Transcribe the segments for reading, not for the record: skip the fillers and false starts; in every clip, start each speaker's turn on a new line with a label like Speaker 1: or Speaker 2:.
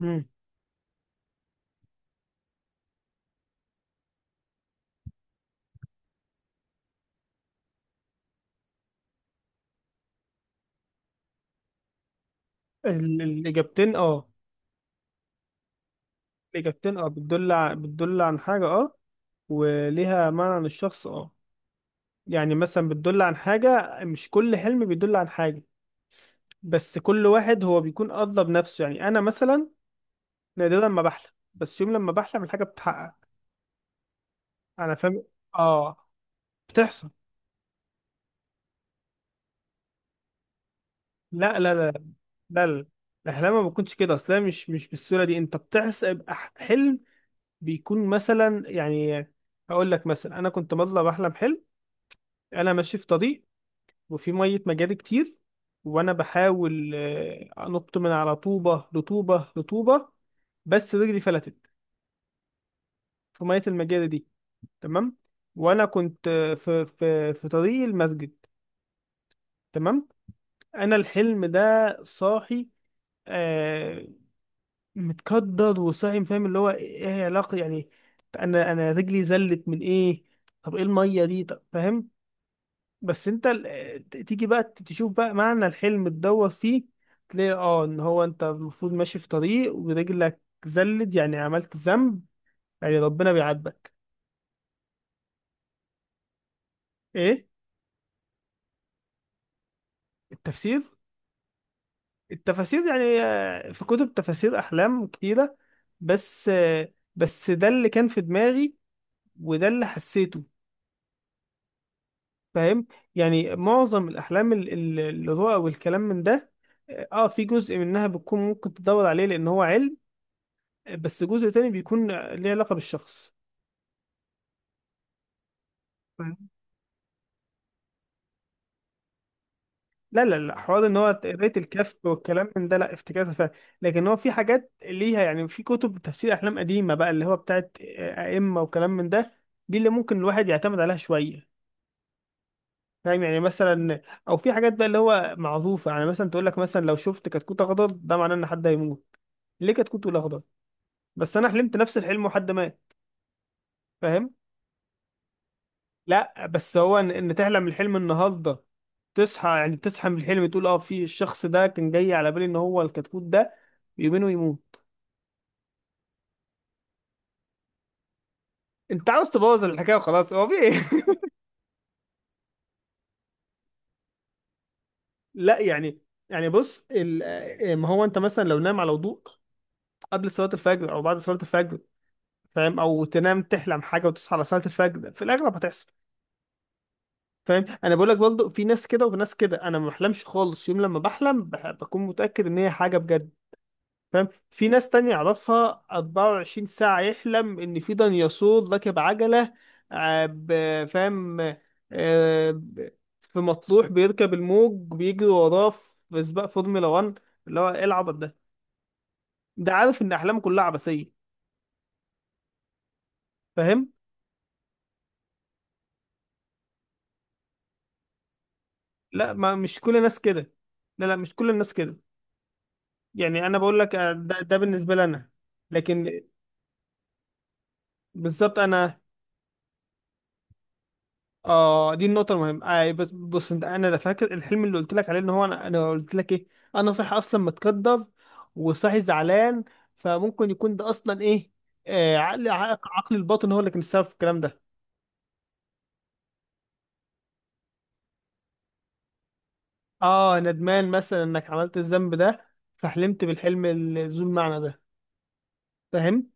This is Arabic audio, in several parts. Speaker 1: مم. الإجابتين اه، الإجابتين اه، بتدل بتدل عن حاجة اه، وليها معنى للشخص اه. يعني مثلا بتدل عن حاجة، مش كل حلم بيدل عن حاجة، بس كل واحد هو بيكون قصده بنفسه. يعني أنا مثلا نادرا ما بحلم، بس يوم لما بحلم الحاجة بتتحقق. أنا فاهم. اه، بتحصل. لا لا لا لا، الأحلام ما بتكونش كده أصلا، مش بالصورة دي. أنت بتحسب حلم بيكون مثلا، يعني هقول لك مثلا أنا كنت بطلع بحلم حلم. انا ماشي في طريق، وفي ميه مجاري كتير، وانا بحاول انط من على طوبه لطوبه لطوبه، بس رجلي فلتت في ميه المجاري دي. تمام. وانا كنت في طريق المسجد. تمام. انا الحلم ده صاحي، آه، متكدر وصاحي. فاهم اللي هو ايه؟ إيه علاقه يعني؟ انا رجلي زلت من ايه؟ طب ايه الميه دي؟ طب فاهم. بس انت تيجي بقى تشوف بقى معنى الحلم تدور فيه، تلاقي اه ان هو انت المفروض ماشي في طريق ورجلك زلت، يعني عملت ذنب، يعني ربنا بيعاتبك. ايه؟ التفسير. التفاسير يعني. في كتب تفاسير احلام كتيرة، بس بس ده اللي كان في دماغي وده اللي حسيته. فاهم؟ يعني معظم الاحلام الرؤى والكلام من ده، اه في جزء منها بتكون ممكن تدور عليه لان هو علم، بس جزء تاني بيكون ليه علاقة بالشخص. فاهم؟ لا، حوار ان هو قراية الكهف والكلام من ده، لا افتكاسة فعلا. لكن هو في حاجات ليها يعني، في كتب تفسير احلام قديمة بقى اللي هو بتاعت ائمة وكلام من ده، دي اللي ممكن الواحد يعتمد عليها شوية. فاهم؟ يعني مثلا او في حاجات بقى اللي هو معروفة، يعني مثلا تقول لك مثلا لو شفت كتكوت اخضر ده معناه ان حد هيموت. ليه كتكوت والاخضر؟ بس انا حلمت نفس الحلم وحد مات. فاهم؟ لا، بس هو ان إن تحلم الحلم النهارده، تصحى يعني تصحى من الحلم تقول اه في الشخص ده كان جاي على بالي ان هو الكتكوت ده يؤمنه ويموت. انت عاوز تبوظ الحكايه وخلاص، هو في ايه؟ لا يعني. يعني بص ما هو انت مثلا لو نام على وضوء قبل صلاه الفجر او بعد صلاه الفجر، فاهم، او تنام تحلم حاجه وتصحى على صلاه الفجر، في الاغلب هتحصل. فاهم؟ انا بقول لك برضه، في ناس كده وفي ناس كده. انا ما بحلمش خالص، يوم لما بحلم بكون متاكد ان هي حاجه بجد. فاهم؟ في ناس تانية أعرفها 24 ساعة يحلم إن في ديناصور راكب عجلة، فاهم؟ آه، ب- في مطروح بيركب الموج، بيجري وراه في سباق فورمولا 1، اللي هو إيه العبط ده؟ ده عارف إن أحلامه كلها عبثية. فاهم؟ لا، ما مش كل الناس كده. لا، مش كل الناس كده. يعني أنا بقول لك ده بالنسبة لي أنا. لكن بالظبط أنا. اه دي النقطة المهمة. آه، بس بص انت، انا لا فاكر الحلم اللي قلت لك عليه ان هو انا قلت لك ايه، انا صاحي اصلا متكدر وصاحي زعلان. فممكن يكون ده اصلا ايه، آه عقل عقل الباطن هو اللي كان السبب في الكلام ده. اه ندمان مثلا انك عملت الذنب ده، فحلمت بالحلم ذو المعنى ده. فاهم؟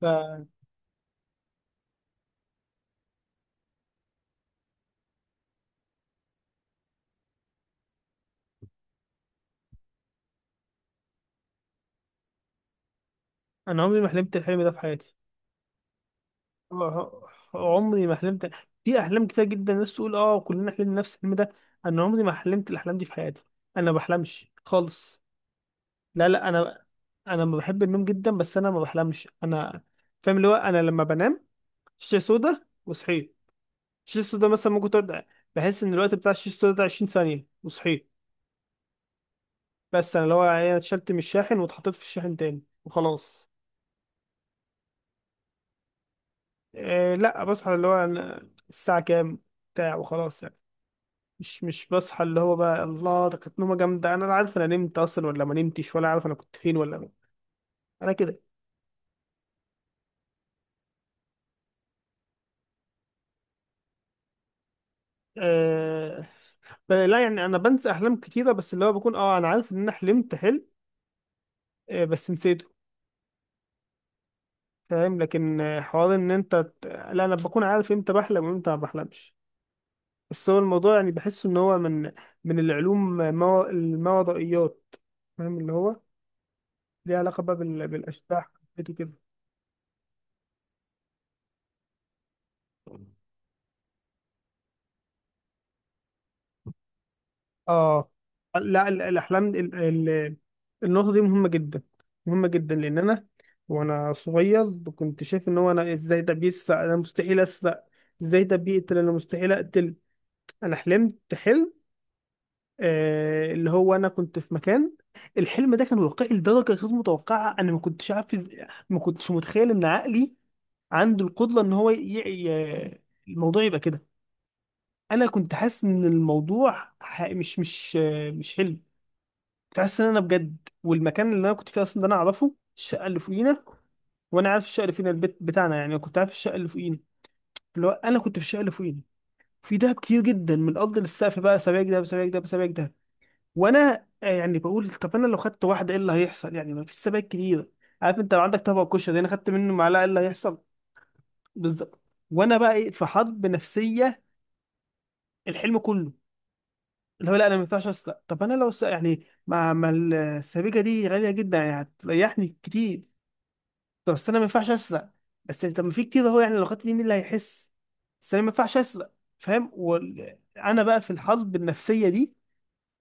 Speaker 1: فانا عمري ما حلمت الحلم ده في حياتي. آه، عمري ما حلمت. في احلام كتير جدا الناس تقول اه كلنا حلمنا نفس الحلم ده، انا عمري ما حلمت الاحلام دي في حياتي. انا ما بحلمش خالص. لا، انا، انا ما بحب النوم جدا بس انا ما بحلمش انا. فاهم؟ اللي هو انا لما بنام شاشه سودا وصحيت. الشاشه السودا مثلا ممكن تقعد، بحس ان الوقت بتاع الشاشه السودا ده 20 ثانيه وصحيت. بس انا اللي هو يعني أنا اتشلت من الشاحن واتحطيت في الشاحن تاني وخلاص. إيه، لا بصحى اللي هو أنا الساعه كام بتاع وخلاص يعني. مش بصحى اللي هو بقى الله ده كانت نومه جامده، انا لا عارف انا نمت اصلا ولا ما نمتش، ولا عارف انا كنت فين ولا. انا كده. إيه، لا يعني انا بنسى احلام كتيره، بس اللي هو بكون اه انا عارف ان انا حلمت حلم، بس نسيته. فاهم؟ لكن حوار ان انت لا انا بكون عارف امتى بحلم وامتى ما بحلمش. بس هو الموضوع يعني بحس ان هو من، من العلوم ما الماورائيات. فاهم؟ اللي هو ليه علاقه بقى بالاشباح وكده. اه لا الاحلام النقطه دي مهمه جدا. مهمه جدا لان انا وانا صغير كنت شايف ان هو انا ازاي ده بيسرق، انا مستحيل اسرق، ازاي ده بيقتل، انا مستحيل اقتل. انا حلمت حلم، آه اللي هو انا كنت في مكان. الحلم ده كان واقعي لدرجه غير متوقعه. انا ما كنتش عارف ما كنتش متخيل ان عقلي عنده القدره ان هو ي... الموضوع يبقى كده. انا كنت حاسس ان الموضوع ح... مش مش آه، مش حلم. تحس ان انا بجد. والمكان اللي انا كنت فيه اصلا ده انا اعرفه، الشقه اللي فوقينا، وانا عارف الشقه اللي فينا البيت بتاعنا، يعني كنت عارف الشقه اللي فوقينا. اللي هو انا كنت في الشقه اللي فوقينا. في دهب كتير جدا من الارض للسقف بقى، سبايك دهب سبايك دهب سبايك دهب. وانا يعني بقول طب انا لو خدت واحده ايه اللي هيحصل يعني، ما فيش سبايك كتير. عارف انت لو عندك طبق كشري انا خدت منه معلقه ايه اللي هيحصل؟ بالظبط. وانا بقى ايه، في حرب نفسيه الحلم كله. اللي هو لا انا ما ينفعش اسرق، طب انا لو يعني ما السبيكه دي غاليه جدا يعني هتريحني كتير، طب بس انا ما ينفعش اسرق، بس طب ما في كتير اهو يعني لو خدت دي مين اللي هيحس، بس انا ما ينفعش اسرق. فاهم؟ وانا بقى في الحرب النفسيه دي،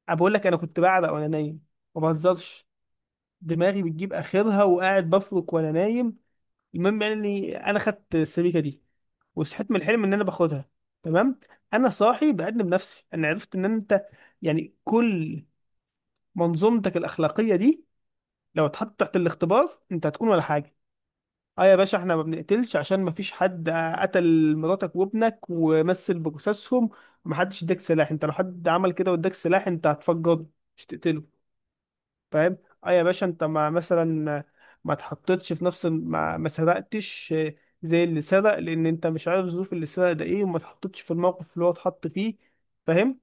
Speaker 1: انا بقول لك انا كنت بعرق وانا نايم، ما بهزرش. دماغي بتجيب اخرها وقاعد بفرك وانا نايم. المهم يعني اني انا خدت السبيكه دي وصحيت من الحلم ان انا باخدها. تمام. انا صاحي بأدب نفسي، انا عرفت ان انت يعني كل منظومتك الاخلاقيه دي لو اتحطت تحت الاختبار انت هتكون ولا حاجه. اه يا باشا احنا ما بنقتلش عشان ما فيش حد قتل مراتك وابنك ومثل بجثثهم ومحدش اداك سلاح، انت لو حد عمل كده واداك سلاح انت هتفجره، مش تقتله. فاهم؟ اه يا باشا انت ما مثلا ما تحطتش في نفس ما سرقتش زي اللي سرق، لان انت مش عارف ظروف اللي سرق ده ايه، وما تحطتش في الموقف اللي هو اتحط فيه. فاهم؟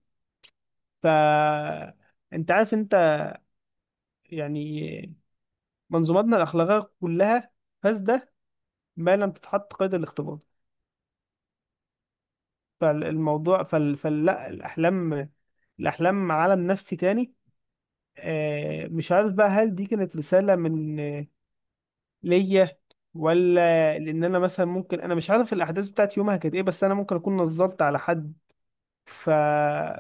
Speaker 1: ف، انت عارف انت يعني منظوماتنا الاخلاقيه كلها فاسده ما لم تتحط قيد الاختبار. فلا، الأحلام، الأحلام عالم نفسي تاني. مش عارف بقى هل دي كانت رسالة من ليا، ولا لأن أنا مثلا، ممكن أنا مش عارف الأحداث بتاعت يومها كانت إيه، بس أنا ممكن أكون نظرت على حد. ف...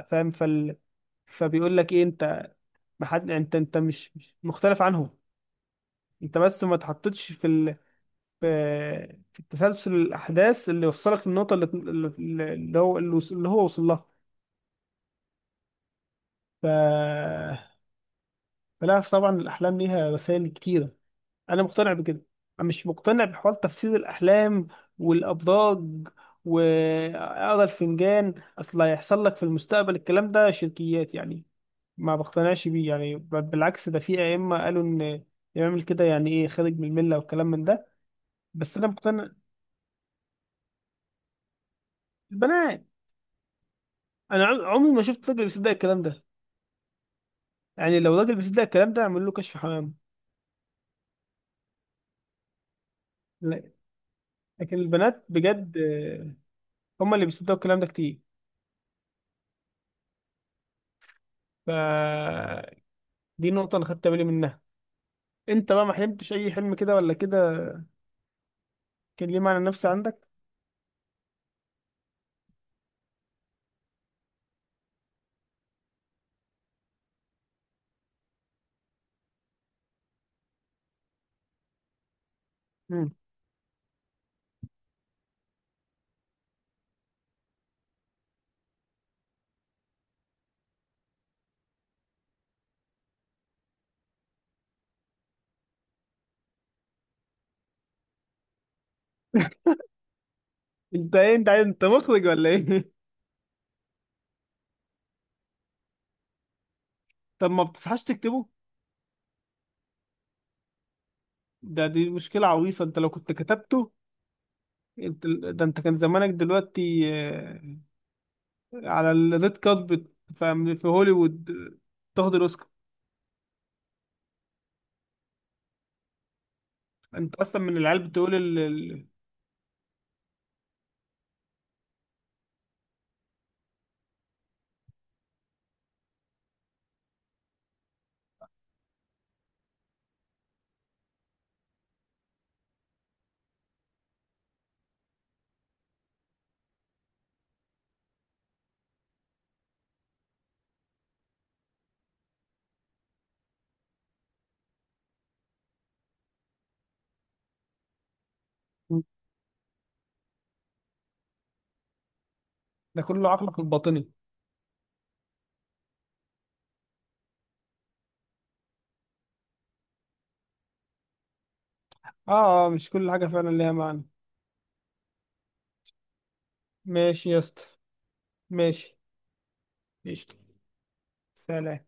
Speaker 1: فاهم؟ فبيقول لك إيه أنت، ما حد، أنت مش مختلف عنهم، أنت بس ما تحطتش في في التسلسل الأحداث اللي وصلك للنقطة اللي، اللي هو اللي هو وصل لها. ف... لا طبعا الأحلام ليها رسائل كتيرة، أنا مقتنع بكده. أنا مش مقتنع بحوار تفسير الأحلام والأبراج وأقرا الفنجان، أصل هيحصل لك في المستقبل، الكلام ده شركيات يعني، ما بقتنعش بيه، يعني بل بالعكس ده في أئمة قالوا إن اللي يعمل كده يعني إيه خارج من الملة والكلام من ده. بس أنا مقتنع. البنات، أنا عمري ما شفت راجل بيصدق الكلام ده. يعني لو راجل بيصدق الكلام ده أعمل له كشف حمام. لا، لكن البنات بجد هم اللي بيصدقوا الكلام ده كتير. ف دي نقطة أنا خدت بالي منها. أنت بقى ما حلمتش أي حلم كده ولا كده كان ليه معنى نفسي عندك؟ مم. أنت إيه، أنت عايز أنت مخرج ولا إيه؟ طب ما بتصحاش تكتبه؟ دي مشكلة عويصة، أنت لو كنت كتبته أنت، أنت كان زمانك دلوقتي على الريد كاربت، فاهم، في هوليوود، تاخد الأوسكار. أنت أصلا من العيال بتقول ده كله عقلك الباطني. آه آه، مش كل حاجة فعلا ليها معنى. ماشي يا اسطى. ماشي. قشطة. سلام.